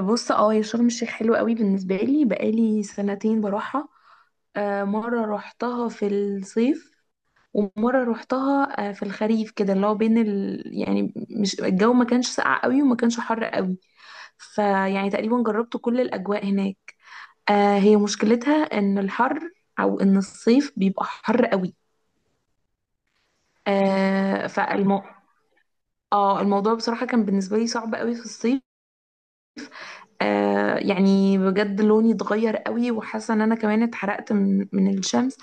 بص يا شرم الشيخ حلوة قوي بالنسبة لي بقالي سنتين بروحها. مرة روحتها في الصيف، ومرة روحتها في الخريف كده اللي هو بين يعني مش الجو، ما كانش ساقع قوي وما كانش حر قوي. فيعني تقريبا جربت كل الأجواء هناك. هي مشكلتها إن الحر، أو إن الصيف بيبقى حر قوي. آه، فالمو... اه الموضوع بصراحة كان بالنسبة لي صعب قوي في الصيف. يعني بجد لوني اتغير قوي، وحاسه ان انا كمان اتحرقت من الشمس.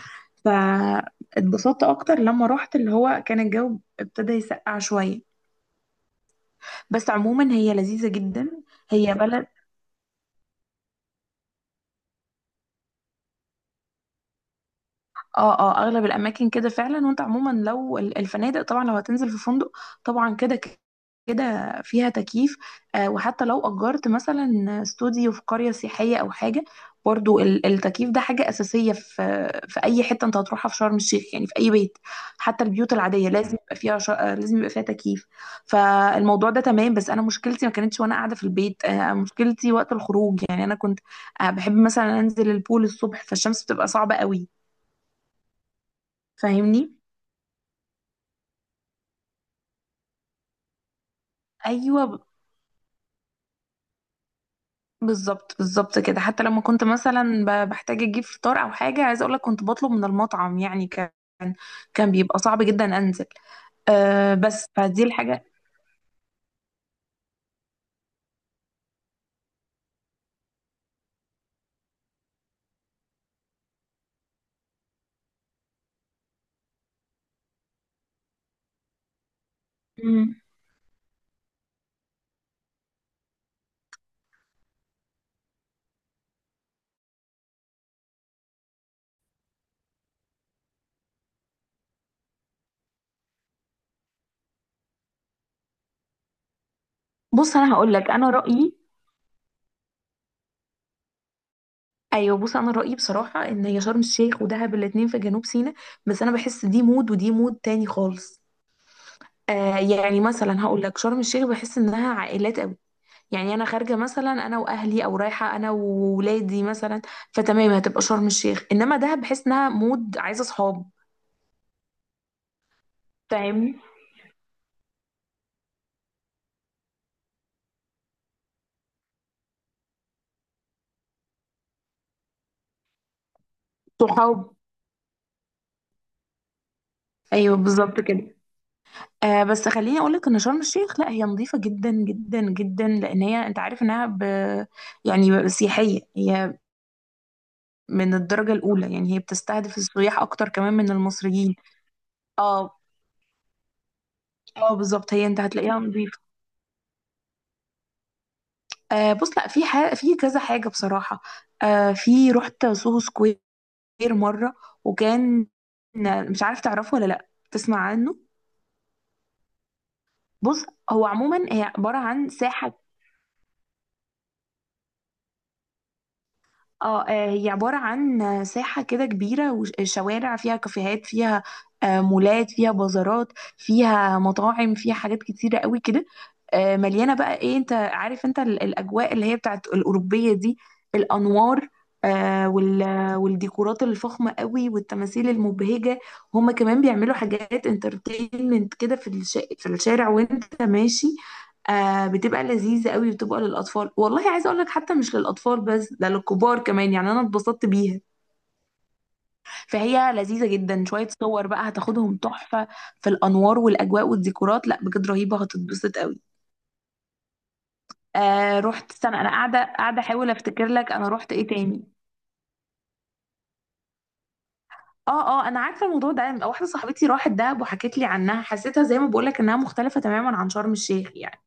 فاتبسطت اكتر لما رحت اللي هو كان الجو ابتدى يسقع شويه. بس عموما هي لذيذه جدا. هي بلد. اه اه، اغلب الاماكن كده فعلا، وانت عموما لو الفنادق، طبعا لو هتنزل في فندق طبعا كده فيها تكييف. آه، وحتى لو اجرت مثلا استوديو في قرية سياحية او حاجة، برضو التكييف ده حاجة أساسية في أي حتة أنت هتروحها في شرم الشيخ، يعني في أي بيت. حتى البيوت العادية لازم يبقى فيها ش... آه، لازم يبقى فيها تكييف. فالموضوع ده تمام، بس أنا مشكلتي ما كانتش وأنا قاعدة في البيت، مشكلتي وقت الخروج. يعني أنا كنت بحب مثلا أنزل البول الصبح، فالشمس بتبقى صعبة قوي. فاهمني؟ ايوه، بالظبط بالظبط كده. حتى لما كنت مثلا بحتاج اجيب فطار او حاجه، عايزه اقول لك كنت بطلب من المطعم، يعني كان كان بيبقى صعب جدا انزل. بس فدي الحاجه. مم. بص انا هقول لك انا رايي. ايوه بص، انا رايي بصراحه ان هي شرم الشيخ ودهب الاتنين في جنوب سيناء، بس انا بحس دي مود ودي مود تاني خالص. يعني مثلا هقول لك شرم الشيخ بحس انها عائلات قوي، يعني انا خارجه مثلا انا واهلي، او رايحه انا وولادي مثلا، فتمام هتبقى شرم الشيخ. انما دهب بحس انها مود عايزه صحاب. فاهمني؟ صحاب. ايوه بالظبط كده. بس خليني اقول لك ان شرم الشيخ، لا هي نظيفه جدا جدا جدا، لان هي انت عارف انها يعني سياحيه هي من الدرجه الاولى، يعني هي بتستهدف السياح اكتر كمان من المصريين. اه. اه بالظبط، هي انت هتلاقيها نظيفه. بص، لا في ح... في كذا حاجه بصراحه. في رحت سوهو سكوير غير مرة، وكان، مش عارف تعرفه ولا لأ، تسمع عنه؟ بص هو عموما هي عبارة عن ساحة. اه، هي عبارة عن ساحة كده كبيرة وشوارع فيها، كافيهات فيها، مولات فيها، بازارات فيها، مطاعم فيها، حاجات كتيرة قوي كده. مليانة بقى، ايه، انت عارف انت الأجواء اللي هي بتاعت الأوروبية دي، الأنوار، والديكورات الفخمة قوي والتماثيل المبهجة. هما كمان بيعملوا حاجات انترتينمنت كده في الشارع وانت ماشي. بتبقى لذيذة قوي، وبتبقى للأطفال، والله عايزة أقول لك حتى مش للأطفال بس، ده للكبار كمان، يعني أنا اتبسطت بيها. فهي لذيذة جدا. شوية صور بقى هتاخدهم تحفة في الأنوار والأجواء والديكورات، لا بجد رهيبة، هتتبسط قوي. رحت، استنى أنا قاعدة أحاول أفتكر لك، أنا رحت إيه تاني. اه اه، انا عارفه الموضوع ده. واحده صاحبتي راحت دهب وحكت لي عنها، حسيتها زي ما بقول لك انها مختلفه تماما عن شرم الشيخ يعني.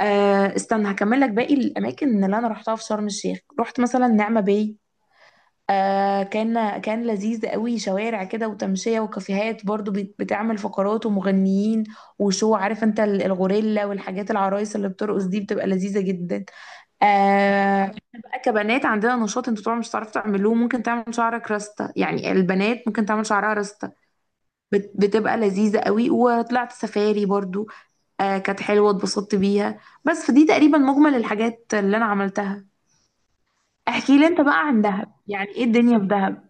استنى هكمل لك باقي الاماكن اللي انا رحتها في شرم الشيخ. رحت مثلا نعمه باي، كان لذيذ قوي، شوارع كده وتمشية وكافيهات، برضو بتعمل فقرات ومغنيين. وشو، عارف انت الغوريلا والحاجات، العرايس اللي بترقص دي، بتبقى لذيذة جدا. احنا بقى كبنات عندنا نشاط انتوا طبعا مش هتعرفوا تعملوه، ممكن تعمل شعرك راستة، يعني البنات ممكن تعمل شعرها راستة. بتبقى لذيذة قوي. وطلعت سفاري برضو، كانت حلوة اتبسطت بيها. بس فدي تقريبا مجمل الحاجات اللي انا عملتها. احكي لي انت بقى عن دهب، يعني ايه الدنيا في دهب؟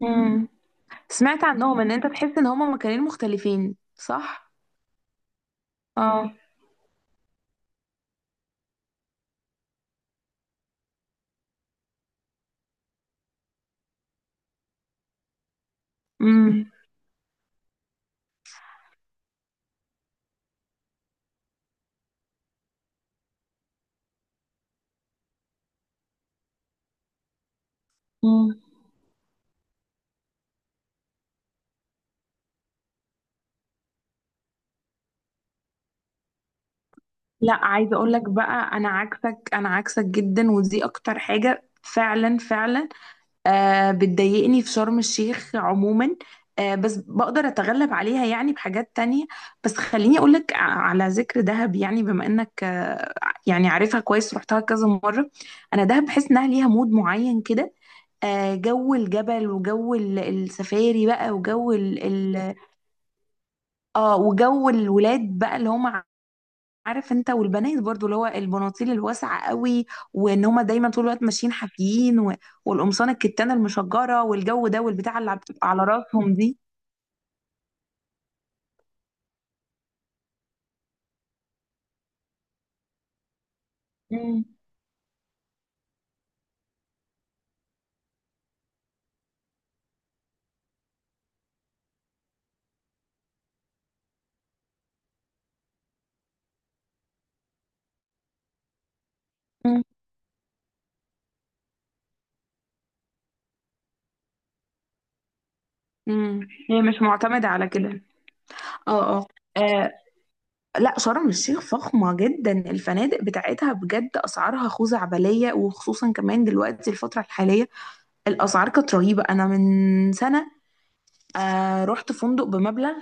مم. سمعت عنهم ان انت تحس ان هما مكانين مختلفين، صح؟ اه. امم. مم. لا عايزه اقول لك بقى، انا عكسك، انا عكسك جدا، ودي اكتر حاجه فعلا فعلا بتضايقني في شرم الشيخ عموما، بس بقدر اتغلب عليها يعني بحاجات تانية. بس خليني اقولك، على ذكر دهب، يعني بما انك يعني عارفها كويس، رحتها كذا مرة. انا دهب بحس انها ليها مود معين كده، جو الجبل، وجو السفاري بقى، وجو ال ال اه وجو الولاد بقى اللي هم، عارف انت، والبنات برضو، اللي هو البناطيل الواسعه قوي، وان هما دايما طول الوقت ماشيين حافيين، و... والقمصان الكتانه المشجره والجو ده والبتاع اللي بتبقى على راسهم دي. مم. مم. امم، هي مش معتمده على كده. اه اه. آه لا شرم الشيخ فخمة جدا، الفنادق بتاعتها بجد أسعارها خزعبلية، وخصوصا كمان دلوقتي الفترة الحالية الأسعار كانت رهيبة. أنا من سنة رحت فندق بمبلغ،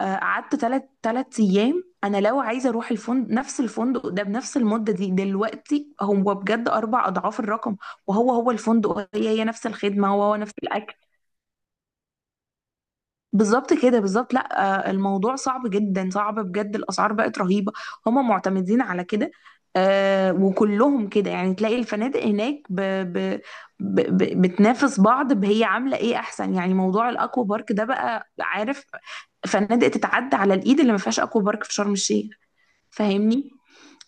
قعدت تلات أيام. أنا لو عايزة أروح الفندق، نفس الفندق ده، بنفس المدة دي دلوقتي، هو بجد أربع أضعاف الرقم. وهو الفندق، هي نفس الخدمة، هو نفس الأكل. بالظبط كده، بالظبط. لا الموضوع صعب جدا، صعب بجد، الاسعار بقت رهيبه، هما معتمدين على كده. وكلهم كده، يعني تلاقي الفنادق هناك ب ب ب ب بتنافس بعض، هي عامله ايه احسن. يعني موضوع الاكوا بارك ده بقى، عارف، فنادق تتعدى على الايد اللي ما فيهاش اكوا بارك في شرم الشيخ. فاهمني؟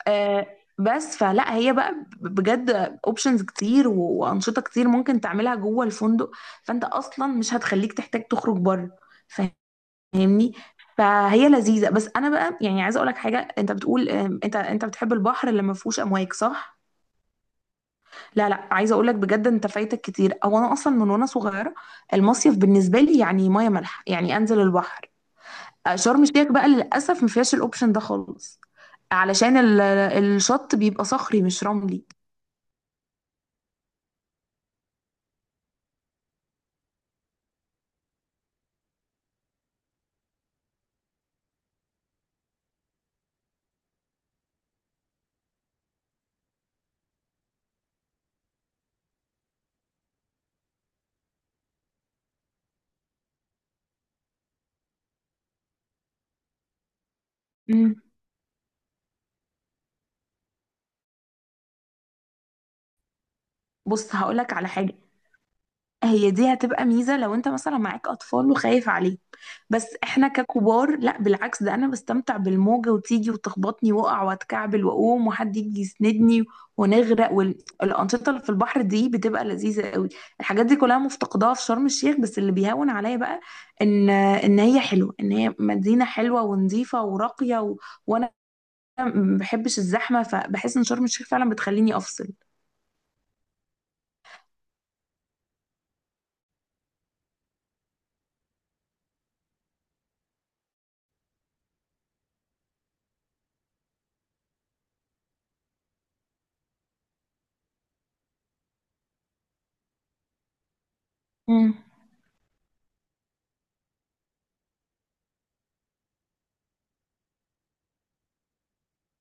آه بس فلا، هي بقى بجد اوبشنز كتير وانشطه كتير ممكن تعملها جوه الفندق، فانت اصلا مش هتخليك تحتاج تخرج بره. فاهمني؟ فهي لذيذه. بس انا بقى يعني عايزه اقول لك حاجه، انت بتقول انت بتحب البحر اللي ما فيهوش امواج، صح؟ لا لا، عايزه اقول لك بجد انت فايتك كتير. او انا اصلا من وانا صغيره المصيف بالنسبه لي يعني ميه مالحه، يعني انزل البحر. شرم الشيخ بقى للاسف ما فيهاش الاوبشن ده خالص، علشان الشط بيبقى صخري مش رملي. مم. بص هقول لك على حاجه، هي دي هتبقى ميزة لو انت مثلا معاك اطفال وخايف عليهم. بس احنا ككبار لا، بالعكس، ده انا بستمتع بالموجة وتيجي وتخبطني، واقع واتكعبل واقوم وحد يجي يسندني، ونغرق، والانشطة اللي في البحر دي بتبقى لذيذة قوي. الحاجات دي كلها مفتقداها في شرم الشيخ. بس اللي بيهون عليا بقى ان هي حلوة، ان هي مدينة حلوة ونظيفة وراقية وانا ما بحبش الزحمة، فبحس ان شرم الشيخ فعلا بتخليني افصل. مم.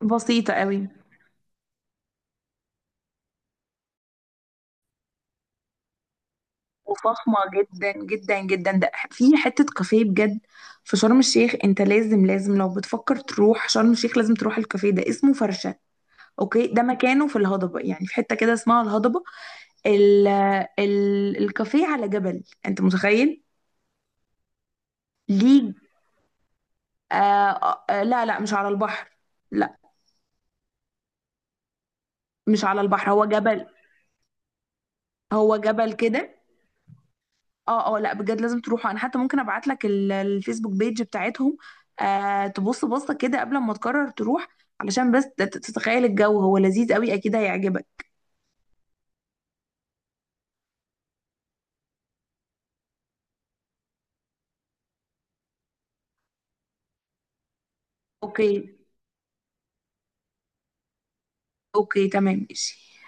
بسيطة قوي وفخمة جدا جدا جدا. ده في حتة كافيه بجد في شرم الشيخ، انت لازم، لازم لو بتفكر تروح شرم الشيخ لازم تروح الكافيه ده، اسمه فرشة. اوكي. ده مكانه في الهضبة، يعني في حتة كده اسمها الهضبة. ال ال الكافيه على جبل، انت متخيل؟ ليه؟ لا لا، مش على البحر. لا مش على البحر، هو جبل. هو جبل كده. اه اه، لا بجد لازم تروحوا. انا حتى ممكن ابعت لك الفيسبوك بيج بتاعتهم، تبص بصه كده قبل ما تقرر تروح، علشان بس تتخيل الجو، هو لذيذ قوي اكيد هيعجبك. اوكي. اوكي تمام ماشي.